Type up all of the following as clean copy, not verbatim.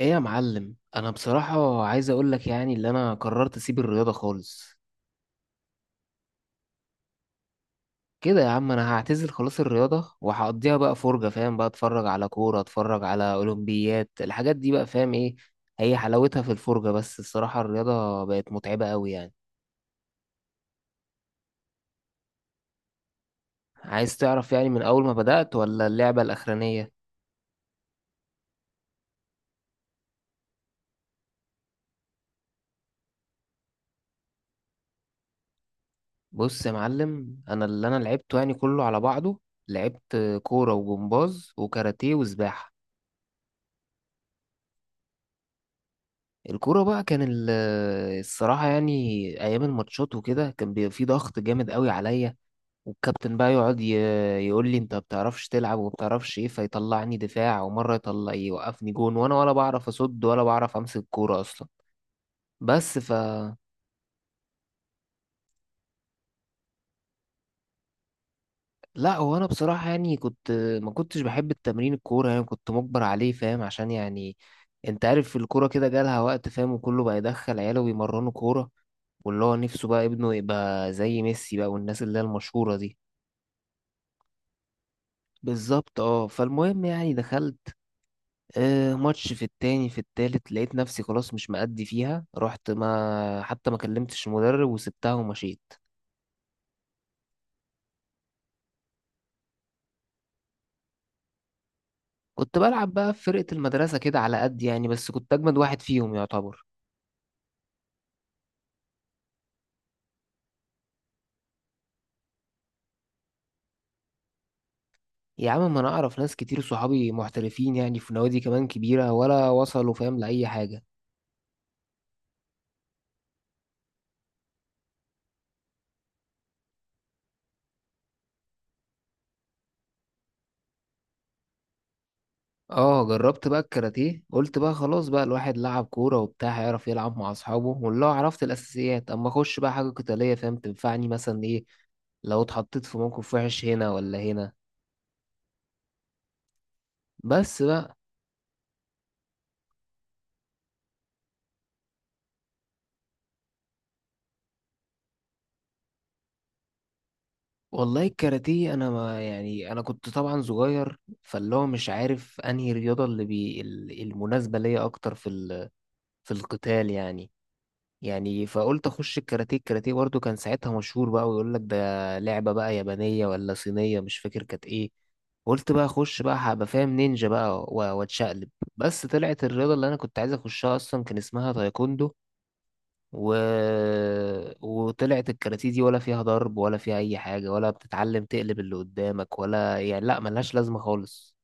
ايه يا معلم، انا بصراحة عايز اقول لك يعني اللي انا قررت اسيب الرياضة خالص. كده يا عم انا هعتزل خلاص الرياضة وهقضيها بقى فرجة. فاهم؟ بقى اتفرج على كورة، اتفرج على اولمبيات، الحاجات دي بقى. فاهم ايه؟ هي حلاوتها في الفرجة بس. الصراحة الرياضة بقت متعبة قوي يعني. عايز تعرف يعني من اول ما بدأت ولا اللعبة الاخرانية؟ بص يا معلم، انا اللي انا لعبته يعني كله على بعضه، لعبت كورة وجمباز وكاراتيه وسباحة. الكورة بقى كان الصراحة يعني أيام الماتشات وكده كان بيبقى في ضغط جامد قوي عليا. والكابتن بقى يقعد يقول لي أنت بتعرفش تلعب وبتعرفش إيه، فيطلعني دفاع، ومرة يطلع يوقفني جون وأنا ولا بعرف أصد ولا بعرف أمسك كورة أصلا. بس. لا، هو انا بصراحه يعني كنت ما كنتش بحب التمرين الكوره يعني، كنت مجبر عليه، فاهم، عشان يعني انت عارف الكوره كده جالها وقت، فاهم، وكله بقى يدخل عياله ويمرنوا كوره، واللي هو نفسه بقى ابنه يبقى زي ميسي بقى، والناس اللي هي المشهوره دي. بالظبط اه. فالمهم يعني دخلت آه ماتش في التاني في التالت، لقيت نفسي خلاص مش مأدي فيها، رحت ما حتى ما كلمتش المدرب وسبتها ومشيت. كنت بلعب بقى في فرقه المدرسه كده على قد يعني، بس كنت اجمد واحد فيهم يعتبر. يا عم ما انا اعرف ناس كتير صحابي محترفين يعني في نوادي كمان كبيرة ولا وصلوا، فاهم، لأي حاجة. اه جربت بقى الكاراتيه، قلت بقى خلاص بقى الواحد لعب كورة وبتاع هيعرف يلعب مع اصحابه والله، عرفت الاساسيات اما اخش بقى حاجة قتالية، فاهم، تنفعني مثلا ايه لو اتحطيت في موقف وحش هنا ولا هنا. بس بقى. والله الكاراتيه انا ما يعني انا كنت طبعا صغير، فاللي هو مش عارف انهي رياضه اللي بي المناسبه ليا اكتر في في القتال يعني. يعني فقلت اخش الكاراتيه. الكاراتيه برضه كان ساعتها مشهور بقى، ويقول لك ده لعبة بقى يابانية ولا صينية، مش فاكر كانت ايه. قلت بقى اخش بقى هبقى فاهم نينجا بقى واتشقلب. بس طلعت الرياضة اللي انا كنت عايز اخشها اصلا كان اسمها تايكوندو و... وطلعت الكاراتيه دي ولا فيها ضرب ولا فيها اي حاجة ولا بتتعلم تقلب اللي قدامك، ولا يعني لا ملهاش لازمة خالص.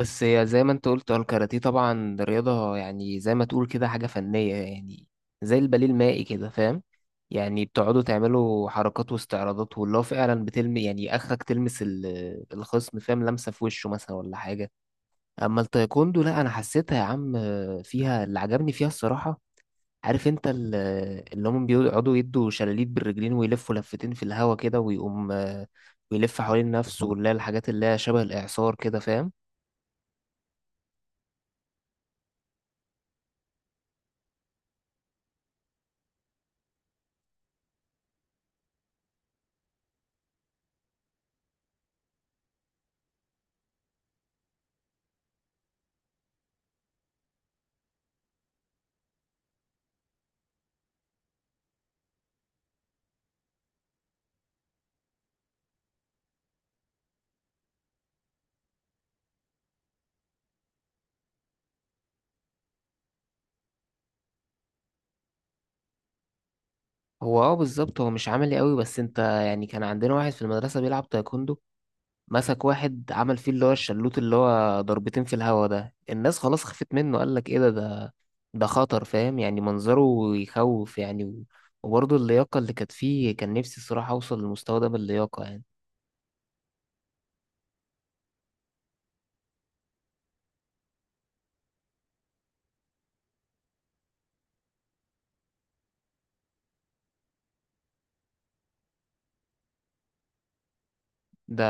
بس هي زي ما انت قلت، هو الكاراتيه طبعا رياضة يعني، زي ما تقول كده حاجة فنية يعني، زي الباليه المائي كده، فاهم. يعني بتقعدوا تعملوا حركات واستعراضات، واللي هو فعلا بتلمي يعني، اخرك تلمس الخصم، فاهم، لمسة في وشه مثلا ولا حاجة. اما التايكوندو لا انا حسيتها يا عم، فيها اللي عجبني فيها الصراحة. عارف انت اللي هم بيقعدوا يدوا شلاليت بالرجلين ويلفوا لفتين في الهوا كده، ويقوم ويلف حوالين نفسه، واللي هي الحاجات اللي هي شبه الإعصار كده، فاهم. هو اه بالظبط، هو مش عملي قوي، بس انت يعني كان عندنا واحد في المدرسة بيلعب تايكوندو، مسك واحد عمل فيه اللي هو الشلوت اللي هو ضربتين في الهوا ده، الناس خلاص خفت منه، قال لك ايه ده ده خطر، فاهم، يعني منظره يخوف يعني وبرضه اللياقة اللي كانت فيه كان نفسي الصراحة اوصل للمستوى ده باللياقة يعني. ده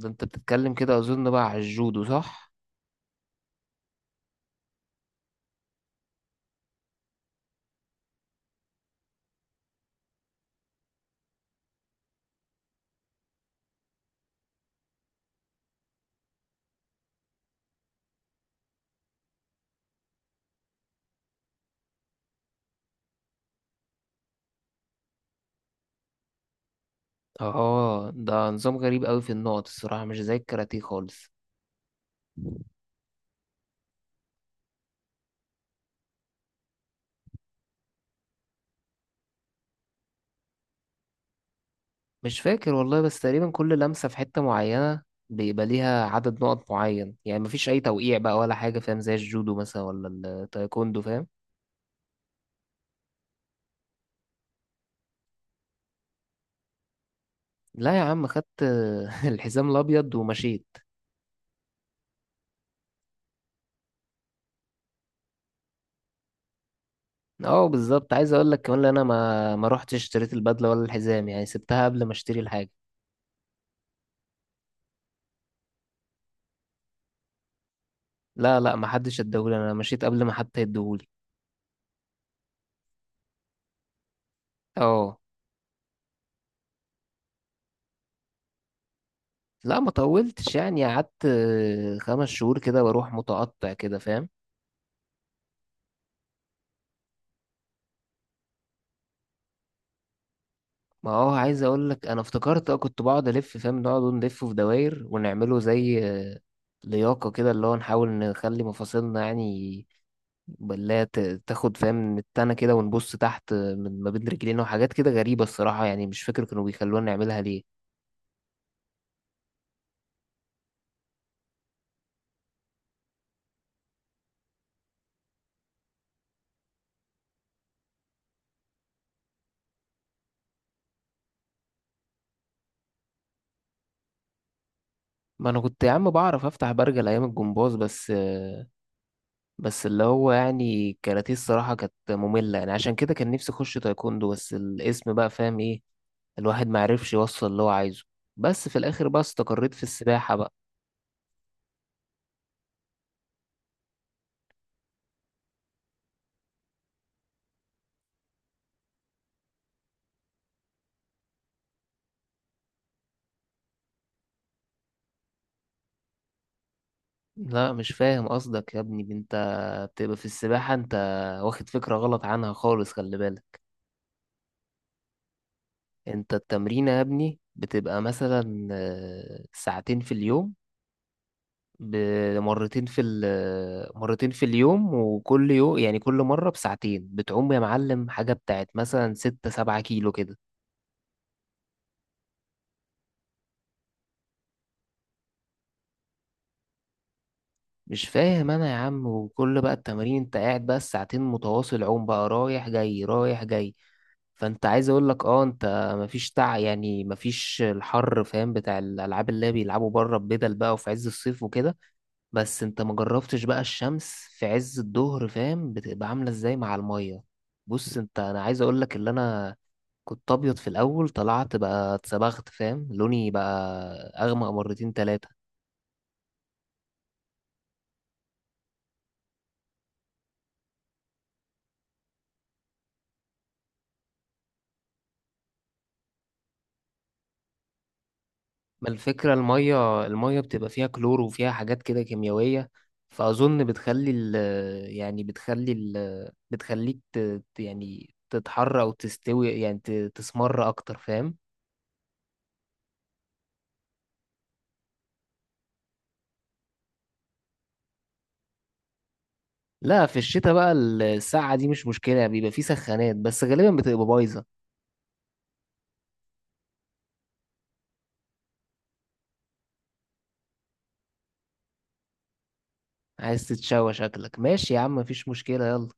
انت بتتكلم كده اظن بقى على الجودو، صح؟ اه ده نظام غريب قوي في النقط الصراحة مش زي الكاراتيه خالص. مش فاكر والله، بس تقريبا كل لمسة في حتة معينة بيبقى ليها عدد نقط معين يعني، مفيش أي توقيع بقى ولا حاجة، فاهم، زي الجودو مثلا ولا التايكوندو، فاهم. لا يا عم، خدت الحزام الأبيض ومشيت. اه بالظبط، عايز أقول لك كمان إن أنا ما روحتش اشتريت البدلة ولا الحزام يعني، سبتها قبل ما اشتري الحاجة. لا لا، ما حدش اداهولي، أنا مشيت قبل ما حتى يديهولي. اه. لا ما طولتش يعني، قعدت 5 شهور كده بروح متقطع كده، فاهم. ما هو عايز اقول لك، انا افتكرت اه كنت بقعد الف، فاهم، نقعد نلفه في دواير، ونعمله زي لياقه كده اللي هو نحاول نخلي مفاصلنا يعني بلا تاخد، فاهم، من التانة كده، ونبص تحت من ما بين رجلينا، وحاجات كده غريبة الصراحة يعني، مش فاكر كانوا بيخلونا نعملها ليه. ما انا كنت يا عم بعرف افتح برجل ايام الجمباز بس بس اللي هو يعني الكاراتيه الصراحة كانت مملة يعني، عشان كده كان نفسي اخش تايكوندو، بس الاسم بقى، فاهم ايه، الواحد ما عرفش يوصل اللي هو عايزه. بس في الاخر بقى استقريت في السباحة بقى. لا مش فاهم قصدك يا ابني انت، بتبقى في السباحة انت واخد فكرة غلط عنها خالص، خلي بالك. انت التمرين يا ابني بتبقى مثلا ساعتين في اليوم، بمرتين في ال آه، مرتين في اليوم، وكل يوم يعني كل مرة بساعتين بتعوم يا معلم حاجة بتاعت مثلا 6-7 كيلو كده. مش فاهم انا يا عم وكل بقى التمارين انت قاعد بقى الساعتين متواصل عوم بقى، رايح جاي رايح جاي. فانت عايز اقول لك اه انت مفيش تع يعني مفيش الحر، فاهم، بتاع الالعاب اللي بيلعبوا بره ببدل بقى وفي عز الصيف وكده. بس انت ما جربتش بقى الشمس في عز الظهر، فاهم، بتبقى عامله ازاي مع الميه. بص انت، انا عايز اقول لك اللي انا كنت ابيض في الاول، طلعت بقى اتصبغت، فاهم، لوني بقى اغمق مرتين تلاتة. ما الفكرة المية بتبقى فيها كلور وفيها حاجات كده كيميائية، فأظن بتخلي ال يعني بتخلي ال بتخليك تتحر أو تستوي يعني تسمر أكتر، فاهم؟ لا في الشتاء بقى الساعة دي مش مشكلة، بيبقى فيه سخانات بس غالبا بتبقى بايظة. عايز تتشوى شكلك، ماشي يا عم مفيش مشكلة، يلا.